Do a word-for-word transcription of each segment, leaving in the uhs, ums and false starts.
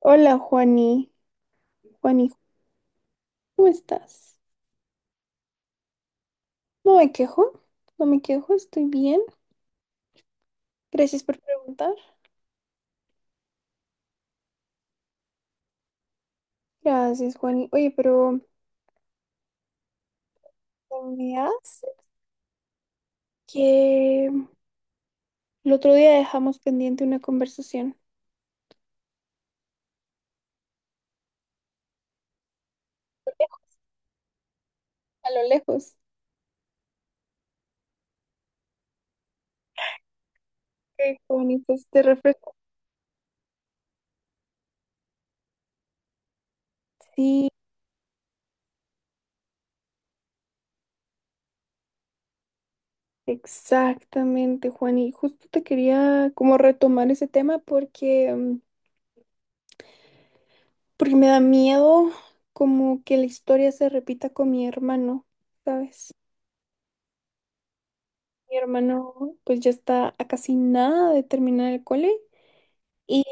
Hola, Juani. Juani, ¿cómo estás? No me quejo, no me quejo, estoy bien. Gracias por preguntar. Gracias, Juani. Oye, pero ¿sabías que el otro día dejamos pendiente una conversación? A lo lejos. Ok, Juani, pues te refresco. Sí, exactamente, Juani. Justo te quería como retomar ese tema porque, mm, porque me da miedo como que la historia se repita con mi hermano, ¿sabes? Mi hermano pues ya está a casi nada de terminar el cole y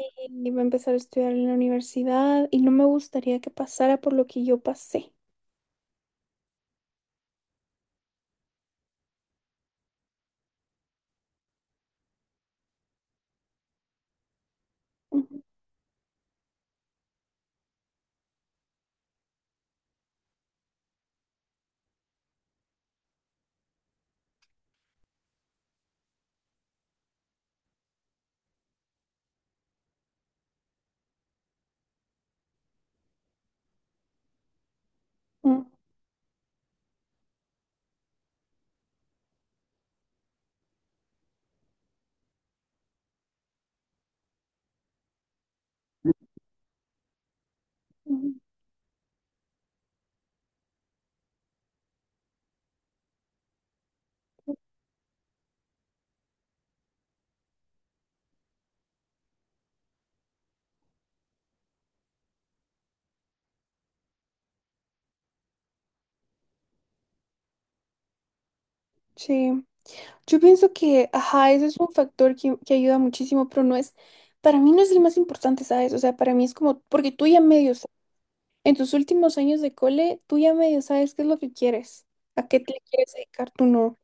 va a empezar a estudiar en la universidad y no me gustaría que pasara por lo que yo pasé. Ujú, ujú, ujú. Sí, yo pienso que, ajá, eso es un factor que, que ayuda muchísimo, pero no es, para mí no es el más importante, ¿sabes? O sea, para mí es como, porque tú ya medio sabes, en tus últimos años de cole, tú ya medio sabes qué es lo que quieres, a qué te quieres dedicar, tú no.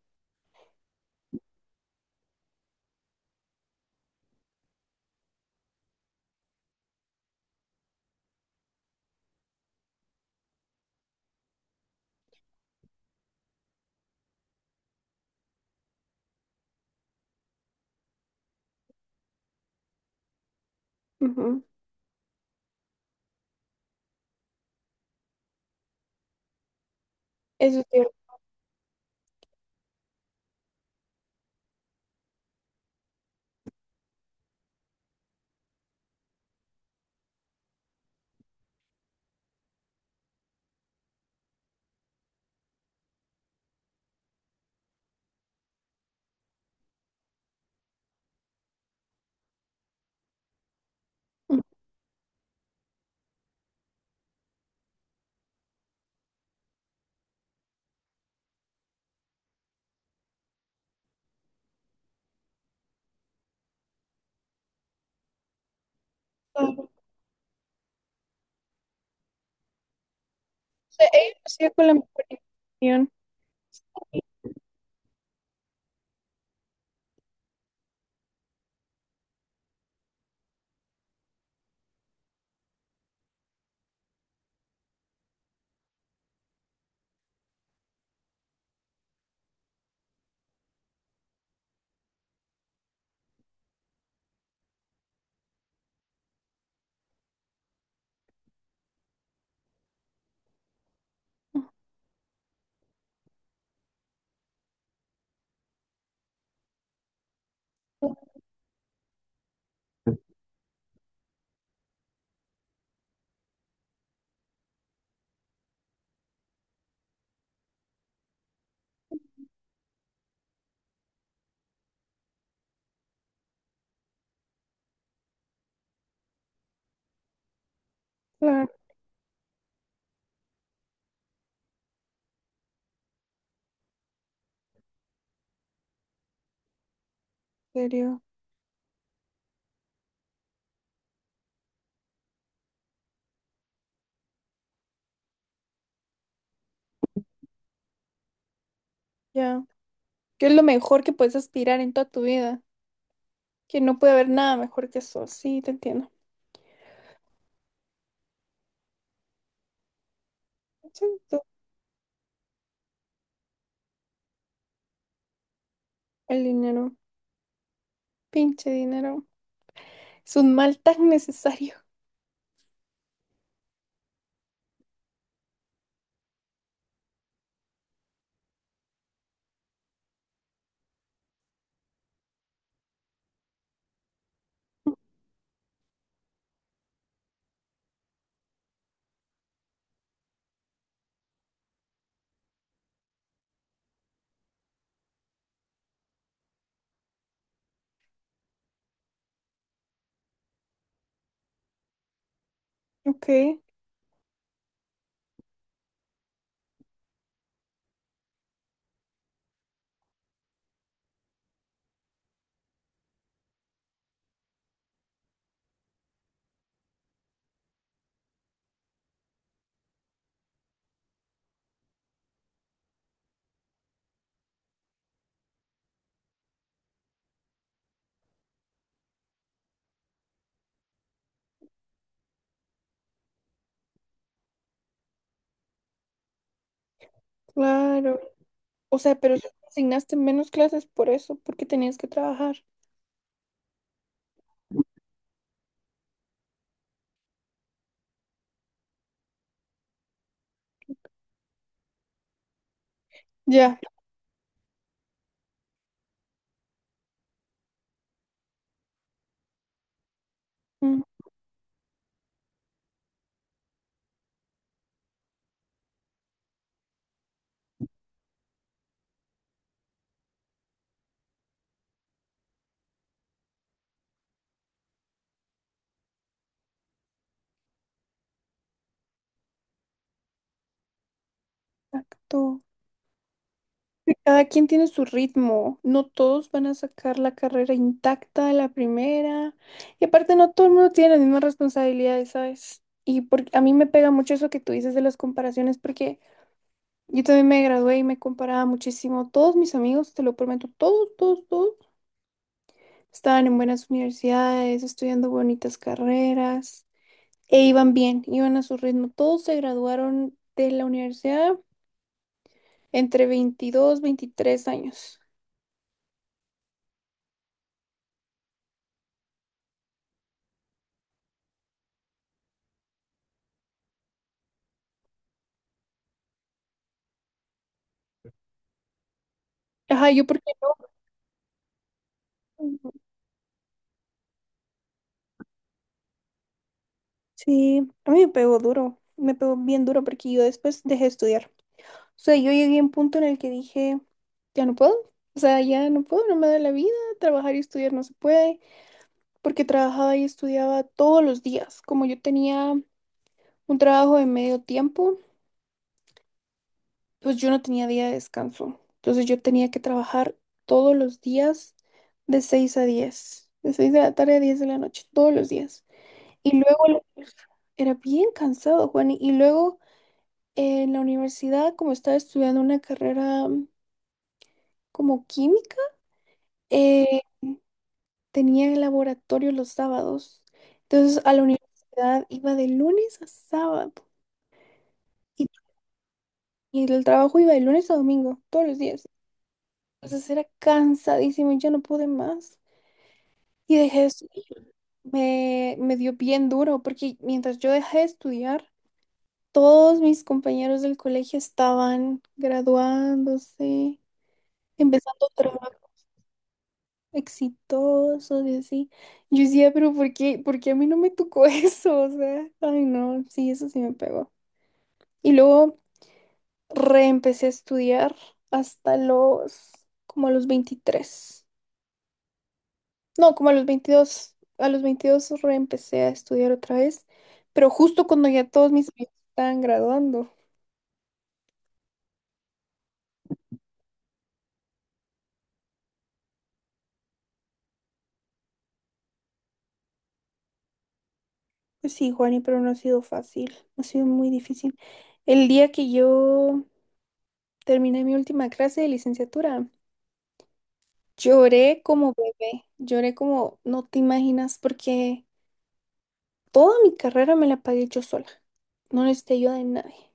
Ujú. Eso es cierto. Ujú, claro. O sea, ellos hacían con la mejor intención. Oh, claro, en serio. Ya. ¿Qué es lo mejor que puedes aspirar en toda tu vida? Que no puede haber nada mejor que eso. Sí, te entiendo. Sí, tú. El dinero. Pinche dinero. Es un mal tan necesario. Ok, claro. O sea, pero si asignaste menos clases por eso, porque tenías que trabajar. Ya. Mm, exacto. Cada quien tiene su ritmo. No todos van a sacar la carrera intacta a la primera. Y aparte, no todo el mundo tiene las mismas responsabilidades, ¿sabes? Y por- a mí me pega mucho eso que tú dices de las comparaciones, porque yo también me gradué y me comparaba muchísimo. Todos mis amigos, te lo prometo, todos, todos, todos, estaban en buenas universidades, estudiando bonitas carreras. E iban bien, iban a su ritmo. Todos se graduaron de la universidad entre veintidós veintitrés años. Ajá, yo porque... Sí, a mí me pegó duro, me pegó bien duro porque yo después dejé de estudiar. O sea, yo llegué a un punto en el que dije, ya no puedo, o sea, ya no puedo, no me da la vida, trabajar y estudiar no se puede, porque trabajaba y estudiaba todos los días, como yo tenía un trabajo de medio tiempo. Pues yo no tenía día de descanso. Entonces yo tenía que trabajar todos los días de seis a diez, de seis de la tarde a diez de la noche, todos los días. Y luego la- Era bien cansado, Juan. Y luego eh, en la universidad, como estaba estudiando una carrera mm, como química, eh, tenía el laboratorio los sábados. Entonces a la universidad iba de lunes a sábado y, y el trabajo iba de lunes a domingo, todos los días. Entonces era cansadísimo y ya no pude más. Y dejé de estudiar. Me, me dio bien duro porque mientras yo dejé de estudiar, todos mis compañeros del colegio estaban graduándose, empezando trabajos exitosos y así. Yo decía, pero ¿por qué, por qué a mí no me tocó eso? O sea, ay no, sí, eso sí me pegó. Y luego reempecé a estudiar hasta los, como a los veintitrés. No, como a los veintidós, a los veintidós reempecé a estudiar otra vez, pero justo cuando ya todos mis amigos estaban graduando. Pues sí, Juani, pero no ha sido fácil, no ha sido muy difícil. El día que yo terminé mi última clase de licenciatura, lloré como bebé, lloré como no te imaginas, porque toda mi carrera me la pagué yo sola, no necesité ayuda de nadie.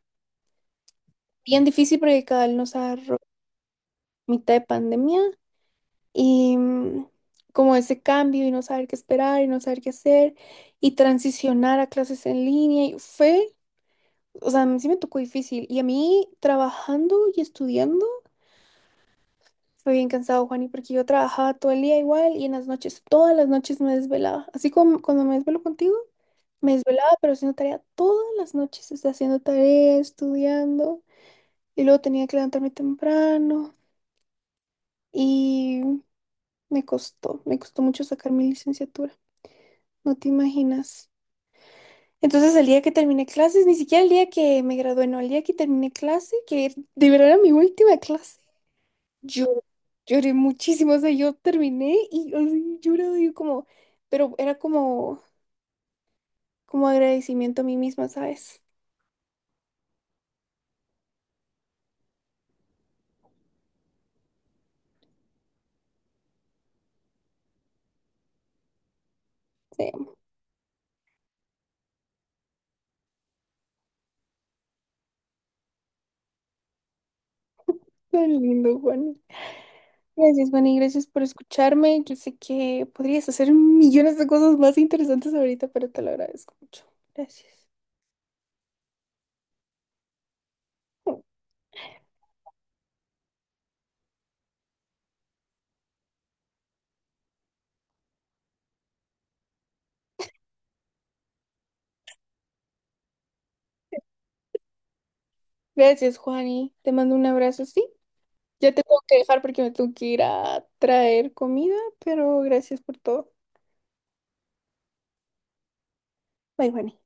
Bien difícil porque cada nos agarró mitad de pandemia y mm, como ese cambio y no saber qué esperar y no saber qué hacer y transicionar a clases en línea y fue, o sea, a mí sí me tocó difícil y a mí trabajando y estudiando fue bien cansado, Juani, porque yo trabajaba todo el día igual y en las noches, todas las noches me desvelaba, así como cuando me desvelo contigo. Me desvelaba, pero haciendo tarea todas las noches, o sea, haciendo tarea, estudiando, y luego tenía que levantarme temprano, y me costó, me costó mucho sacar mi licenciatura, no te imaginas. Entonces el día que terminé clases, ni siquiera el día que me gradué, no, el día que terminé clase, que de verdad era mi última clase, yo lloré muchísimo, o sea, yo terminé y así llorado, yo como, pero era como, como agradecimiento a mí misma, ¿sabes? Sí, tan lindo, Juan. Gracias, Juan, y gracias por escucharme. Yo sé que podrías hacer millones de cosas más interesantes ahorita, pero te lo agradezco mucho. Gracias. Gracias, Juani. Te mando un abrazo, ¿sí? Ya te tengo que dejar porque me tengo que ir a traer comida, pero gracias por todo. Bye, Juani.